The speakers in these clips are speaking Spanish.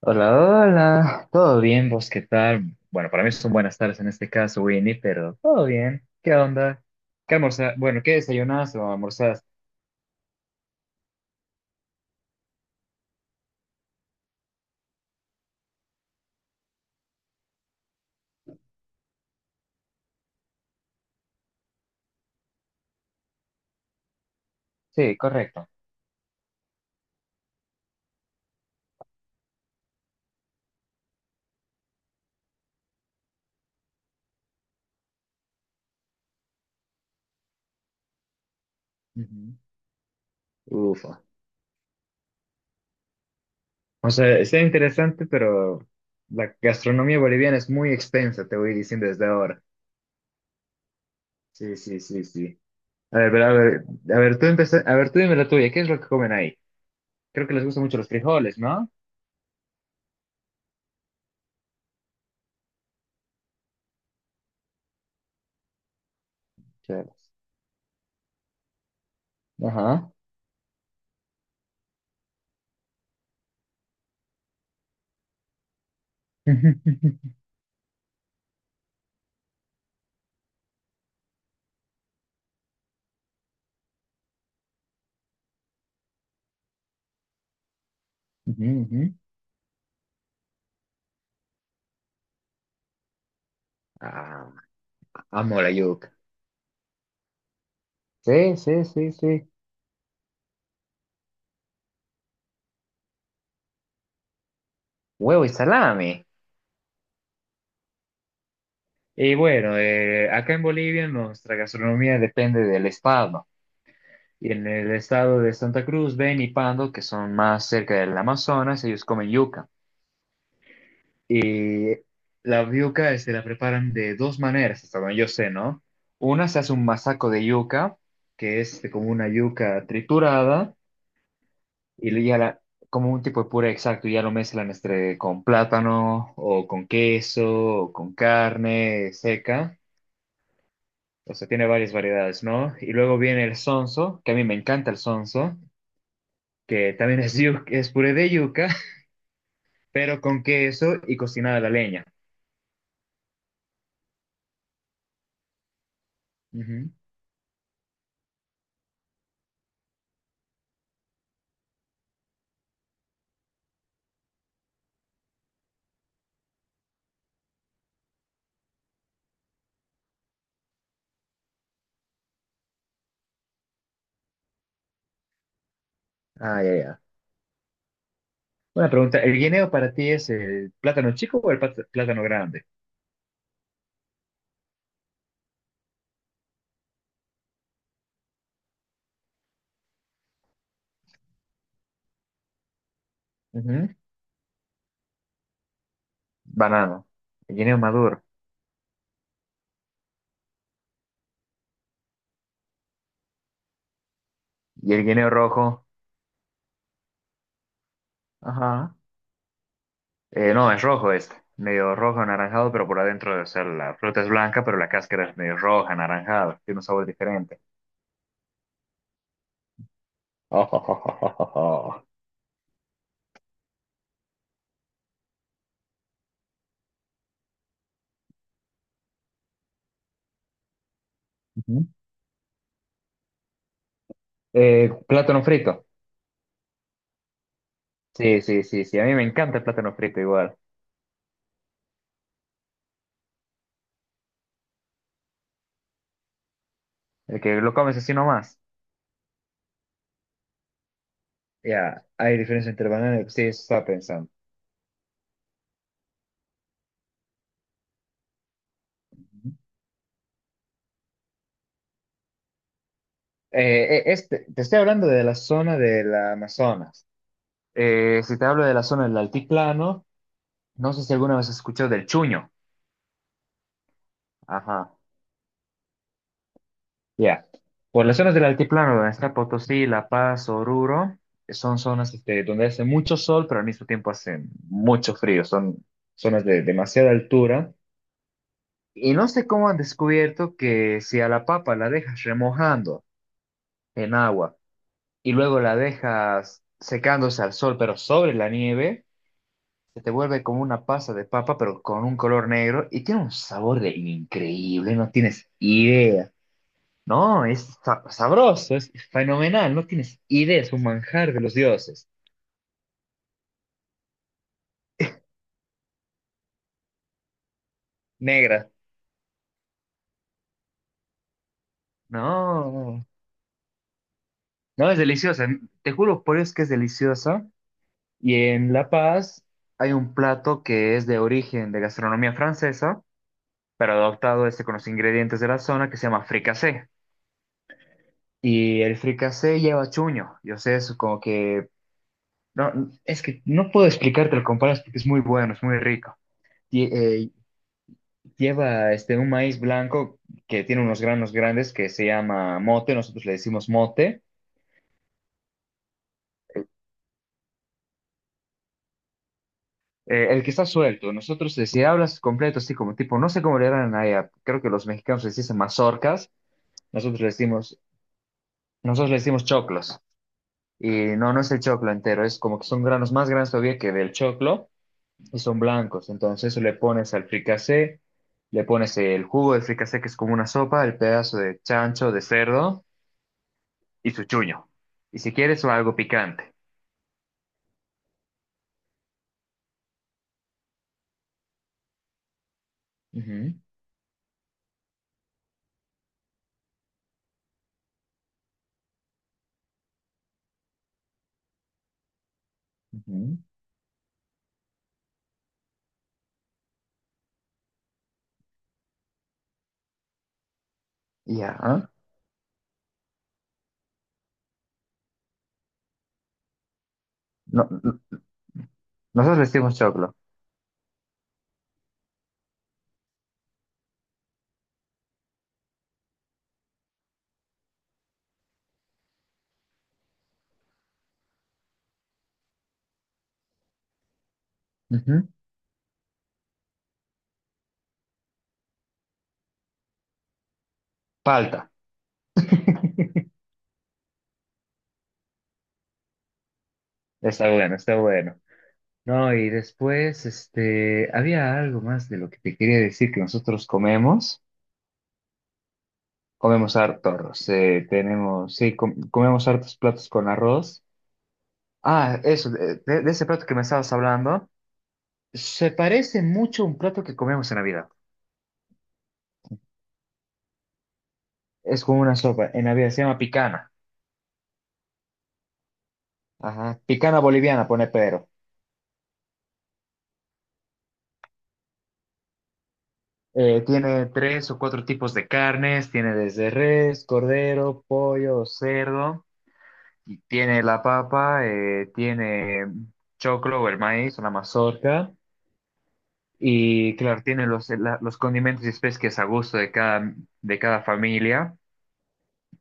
Hola, hola, ¿todo bien? ¿Vos qué tal? Bueno, para mí son buenas tardes en este caso, Winnie, pero todo bien. ¿Qué onda? ¿Qué almorzaste? Bueno, ¿qué desayunaste o almorzaste? Sí, correcto. Ujú. Ufa. O sea, está interesante, pero la gastronomía boliviana es muy extensa, te voy diciendo desde ahora. Sí, sí, sí, sí. A ver, pero a ver, a ver, a ver, tú dime la tuya, ¿qué es lo que comen ahí? Creo que les gustan mucho los frijoles, ¿no? Chéveres. Ajá. Ujú, ujú. Ah, amo la yuca. Sí, sí, sí, sí. Huevo y salami. Y bueno, acá en Bolivia nuestra gastronomía depende del estado. Y en el estado de Santa Cruz, Beni y Pando, que son más cerca del Amazonas, ellos comen yuca. Y la yuca se la preparan de dos maneras, hasta donde yo sé, ¿no? Una se hace un masaco de yuca, que es como una yuca triturada. Y le- ya la, como un tipo de puré exacto, ya lo mezclan con plátano o con queso o con carne seca. O sea, tiene varias variedades, ¿no? Y luego viene el sonso, que a mí me encanta el sonso, que también es, es puré de yuca, pero con queso y cocinada a la leña. Ujú. Ah, ya, ya. Una pregunta, ¿el guineo para ti es el plátano chico o el plátano grande? Ujú. Banano. El guineo maduro. Y el guineo rojo. Ajá. No, es rojo medio rojo anaranjado, pero por adentro, o sea, la fruta es blanca, pero la cáscara es medio roja, anaranjada, tiene un sabor diferente. Ojo. Ujú. Plátano frito. Sí, sí, sí, sí, a mí me encanta el plátano frito igual. El que lo comes así nomás. Ya, hay diferencia entre banana y... Sí, eso estaba pensando. Ujú. Te estoy hablando de la zona del Amazonas. Si te hablo de la zona del altiplano, no sé si alguna vez has escuchado del chuño. Ajá. Ya. Por las zonas del altiplano, donde está Potosí, La Paz, Oruro, son zonas donde hace mucho sol, pero al mismo tiempo hace mucho frío. Son zonas de demasiada altura. Y no sé cómo han descubierto que si a la papa la dejas remojando en agua y luego la dejas secándose al sol, pero sobre la nieve, se te vuelve como una pasa de papa, pero con un color negro y tiene un sabor de increíble, no tienes idea. No, es sabroso, es fenomenal, no tienes idea, es un manjar de los dioses. Negra. No, no, es deliciosa. Te juro por Dios que es deliciosa. Y en La Paz hay un plato que es de origen de gastronomía francesa, pero adoptado con los ingredientes de la zona que se llama fricasé. Y el fricasé lleva chuño. Yo sé, es como que... No, es que no puedo explicarte lo comparas porque es muy bueno, es muy rico. Y, eh, Lleva un maíz blanco que tiene unos granos grandes que se llama mote, nosotros le decimos mote. El que está suelto, nosotros, si hablas completo, así como tipo, no sé cómo le harán allá, creo que los mexicanos les dicen mazorcas, nosotros le decimos, nosotros le decimos choclos. Y no, no es el choclo entero, es como que son granos más grandes todavía que del choclo y son blancos. Entonces eso le pones al fricasé, le pones el jugo del fricasé que es como una sopa, el pedazo de chancho, de cerdo y su chuño. Y si quieres o algo picante. Ujú, ujú. Ya. Ah, No, no- nosotros vestimos choclo. Ujú. Palta. Está bueno, está bueno. No, y después, había algo más de lo que te quería decir que nosotros comemos. Comemos hartos, comemos hartos platos con arroz. Ah, eso, de ese plato que me estabas hablando. Se parece mucho a un plato que comemos en Navidad. Es como una sopa, en Navidad se llama picana. Ajá. Picana boliviana, pone Pedro. Tiene tres o cuatro tipos de carnes, tiene desde res, cordero, pollo, cerdo, y tiene la papa, tiene choclo o el maíz, una mazorca, y claro, tiene los condimentos y especias que es a gusto de de cada familia,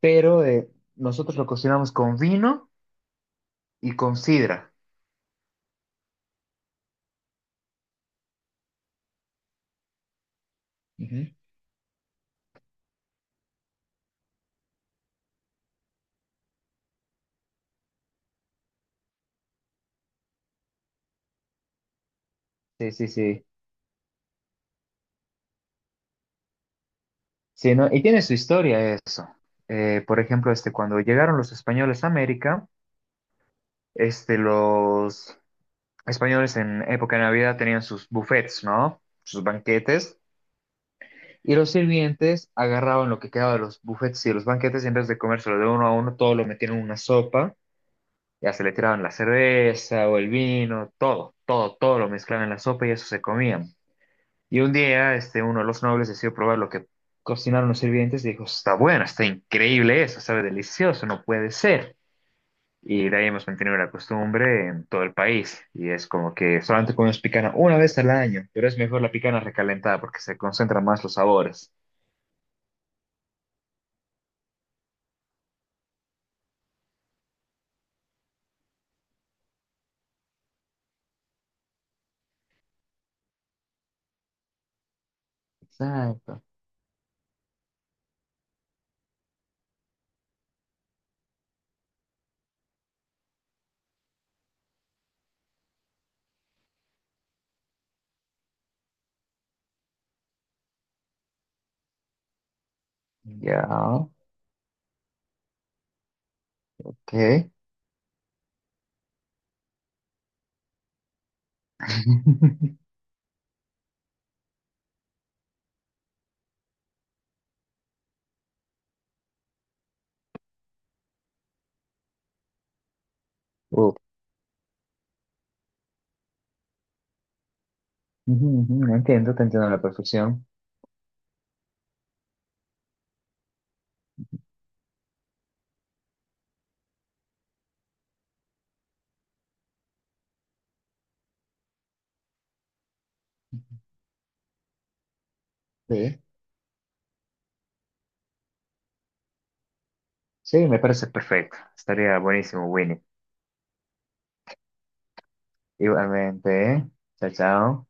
pero nosotros lo cocinamos con vino y con sidra. Ujú. Sí, sí, sí. Sí, ¿no? Y tiene su historia eso. Por ejemplo, cuando llegaron los españoles a América, los españoles en época de Navidad tenían sus buffets, ¿no? Sus banquetes. Y los sirvientes agarraban lo que quedaba de los buffets y de los banquetes y en vez de comérselo de uno a uno, todo lo metían en una sopa. Ya se le tiraban la cerveza o el vino, todo, todo, todo lo mezclaban en la sopa y eso se comían. Y un día, uno de los nobles decidió probar lo que cocinaron los sirvientes y dijo, está bueno, está increíble eso, sabe delicioso, no puede ser. Y de ahí hemos mantenido la costumbre en todo el país. Y es como que solamente comemos picana una vez al año, pero es mejor la picana recalentada porque se concentran más los sabores. Exacto. Ya, ok. Uh, ujú, ujú, no entiendo, te entiendo a la perfección. Sí. Sí, me parece perfecto. Estaría buenísimo, Winnie. Igualmente, ¿eh? Chao, chao.